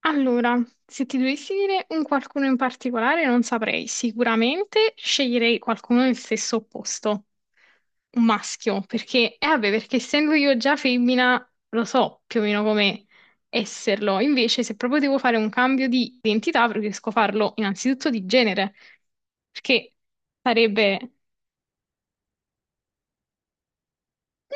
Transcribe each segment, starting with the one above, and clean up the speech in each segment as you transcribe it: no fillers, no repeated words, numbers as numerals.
Allora, se ti dovessi dire un qualcuno in particolare, non saprei. Sicuramente sceglierei qualcuno del stesso opposto, un maschio, perché, vabbè, perché essendo io già femmina, lo so più o meno come esserlo. Invece, se proprio devo fare un cambio di identità, preferisco farlo innanzitutto di genere, perché sarebbe...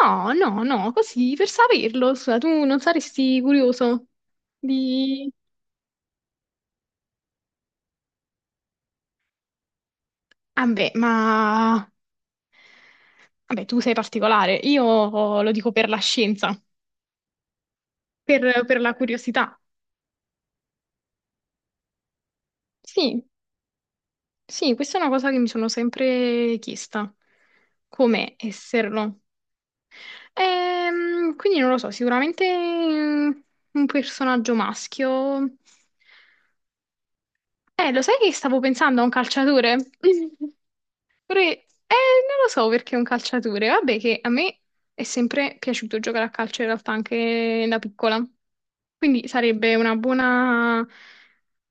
No, no, no, così per saperlo, scusa, tu non saresti curioso di... Ah beh, ma... Vabbè, tu sei particolare, io lo dico per la scienza, per la curiosità. Sì, sì, questa è una cosa che mi sono sempre chiesta, come esserlo. Quindi non lo so, sicuramente un personaggio maschio. Lo sai che stavo pensando a un calciatore? Pure- eh, Non lo so perché è un calciatore. Vabbè, che a me è sempre piaciuto giocare a calcio in realtà anche da piccola. Quindi sarebbe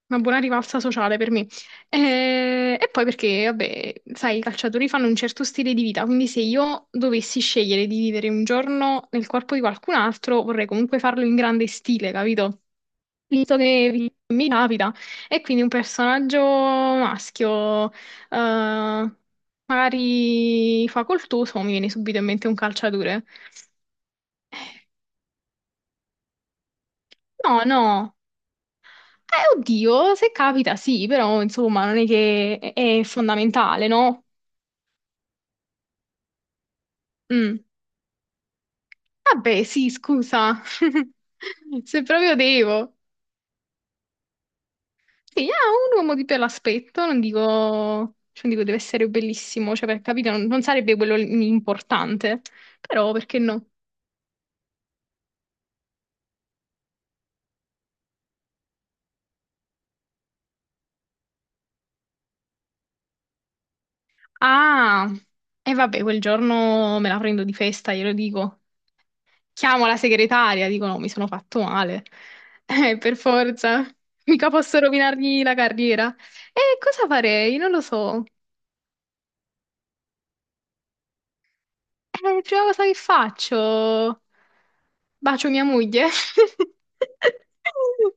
una buona rivalsa sociale per me. E poi perché, vabbè, sai, i calciatori fanno un certo stile di vita, quindi se io dovessi scegliere di vivere un giorno nel corpo di qualcun altro, vorrei comunque farlo in grande stile, capito? Visto che mi capita. E quindi un personaggio maschio, eh, magari fa col tuo, mi viene subito in mente un calciatore. No, no. Oddio, se capita sì, però insomma non è che è fondamentale, no? Mm. Vabbè, sì, scusa. Se proprio devo. Sì, ah, un uomo di bell'aspetto, non dico, cioè, non dico deve essere bellissimo, cioè per capire non, non sarebbe quello importante, però perché no? Ah, e vabbè, quel giorno me la prendo di festa, glielo dico. Chiamo la segretaria, dico no, mi sono fatto male. Per forza, mica posso rovinargli la carriera. E cosa farei? Non lo so. Prima cosa che faccio? Bacio mia moglie?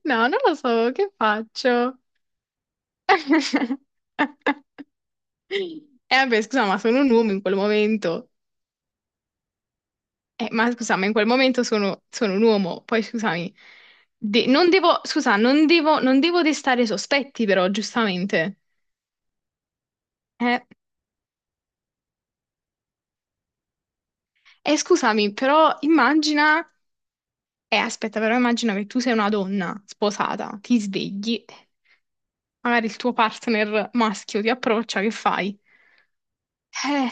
No, non lo so, che faccio? E vabbè, scusa, ma sono un uomo in quel momento. Ma scusa, ma in quel momento sono un uomo, poi scusami, non devo, scusa, non devo, non devo destare sospetti però, giustamente. Eh, scusami, però immagina, aspetta, però immagina che tu sei una donna sposata, ti svegli, magari il tuo partner maschio ti approccia, che fai? Eh,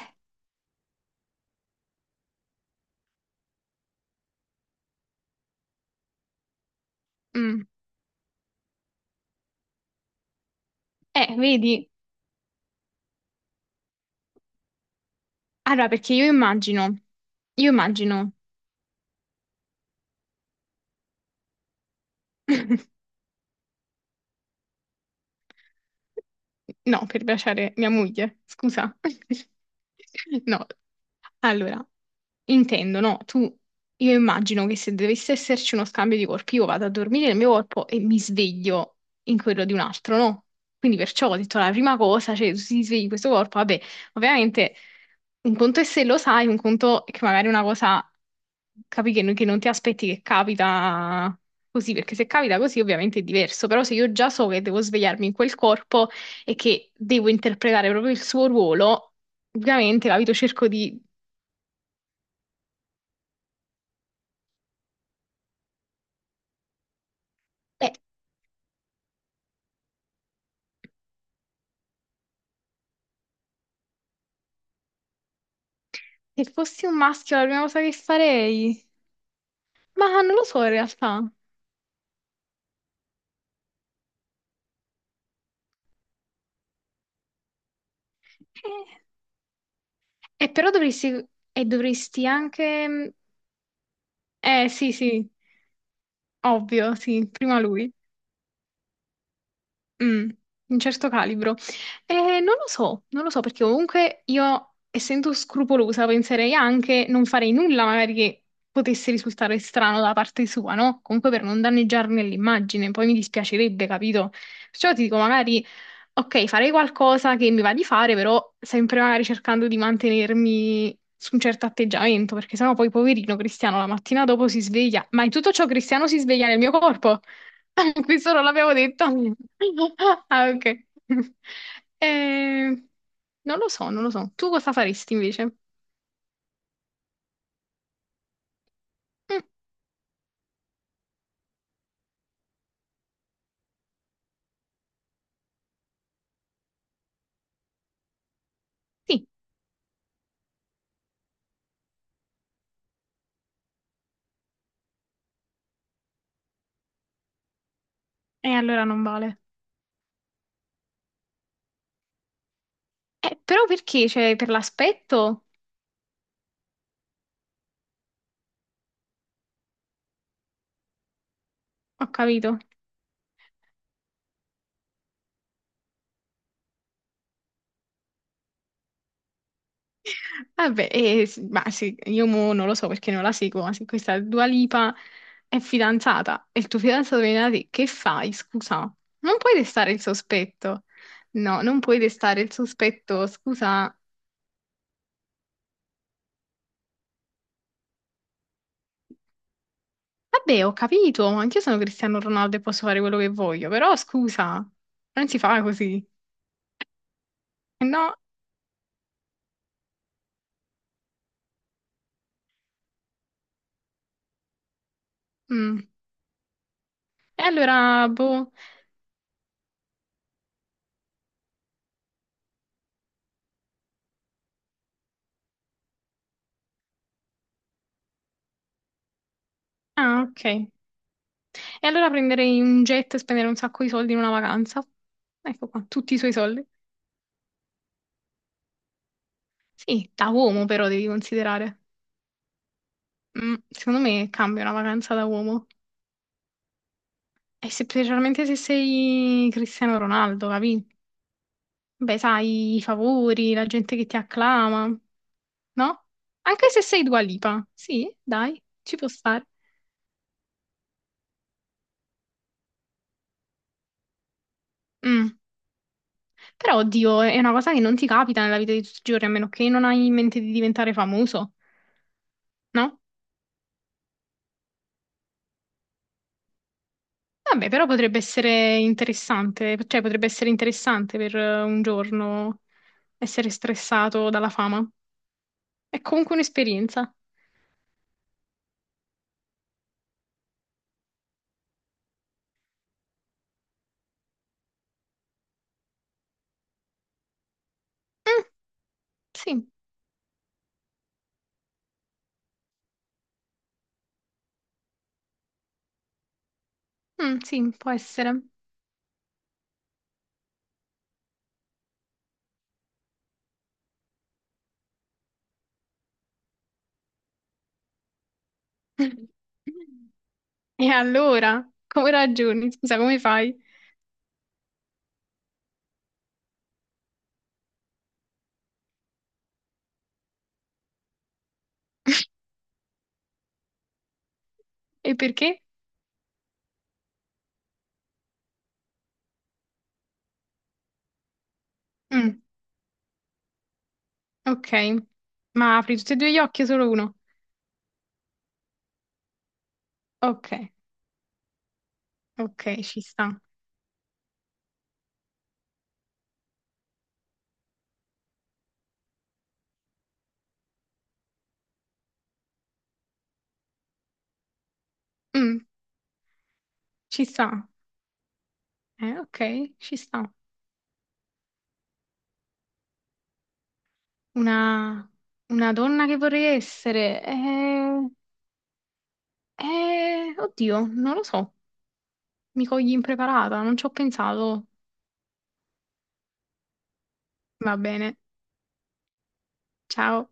mm, vedi? Allora, perché io immagino, io immagino. No, per piacere, mia moglie, scusa. No, allora, intendo, no, tu, io immagino che se dovesse esserci uno scambio di corpi, io vado a dormire nel mio corpo e mi sveglio in quello di un altro, no? Quindi perciò ho detto la prima cosa, cioè tu ti svegli in questo corpo, vabbè, ovviamente un conto è se lo sai, un conto è che magari una cosa capi che non ti aspetti che capita così, perché se capita così ovviamente è diverso, però se io già so che devo svegliarmi in quel corpo e che devo interpretare proprio il suo ruolo, ovviamente, capito, cerco di... Beh, se fossi un maschio la prima cosa che farei... Ma non lo so in realtà. Eh, però dovresti... E dovresti anche... Eh sì sì, ovvio, sì, prima lui. Mm, un certo calibro. Eh, non lo so, non lo so perché comunque io, essendo scrupolosa, penserei anche non farei nulla magari che potesse risultare strano da parte sua, no? Comunque per non danneggiarne l'immagine, poi mi dispiacerebbe, capito? Perciò ti dico magari, ok, farei qualcosa che mi va di fare, però sempre magari cercando di mantenermi su un certo atteggiamento, perché sennò poi poverino Cristiano la mattina dopo si sveglia. Ma in tutto ciò Cristiano si sveglia nel mio corpo. Questo non l'abbiamo detto. Ah, ok. Eh, non lo so, non lo so. Tu cosa faresti invece? Mm, sì, e allora non vale. Però perché? Cioè, per l'aspetto? Ho capito. Vabbè, ma sì, io mo non lo so perché non la seguo, ma se questa Dua Lipa è fidanzata e il tuo fidanzato viene da te, che fai? Scusa, non puoi restare il sospetto. No, non puoi restare il sospetto, scusa. Vabbè, ho capito, ma anch'io sono Cristiano Ronaldo e posso fare quello che voglio, però scusa, non si fa così. Eh no, mm. E allora, boh. Ah, ok. E allora prenderei un jet e spendere un sacco di soldi in una vacanza. Ecco qua, tutti i suoi soldi. Sì, da uomo però devi considerare. Mm, secondo me cambia una vacanza da uomo. Specialmente se sei Cristiano Ronaldo, capì? Beh, sai, i favori, la gente che ti acclama. No? Anche se sei Dua Lipa. Sì, dai, ci può stare. Mm. Però, oddio, è una cosa che non ti capita nella vita di tutti i giorni, a meno che non hai in mente di diventare famoso, no? Vabbè, però potrebbe essere interessante, cioè potrebbe essere interessante per un giorno essere stressato dalla fama. È comunque un'esperienza. Mm, sì, mm, sì, può essere. E allora, come ragioni? Scusa, come fai? E perché? Mm. Ok, ma apri tutti e due gli occhi o solo uno? Ok, ok, ci sta. Mm, ci sta. Ok, ci sta. Una, una donna che vorrei essere. Oddio, non lo so. Mi cogli impreparata, non ci ho pensato. Va bene, ciao.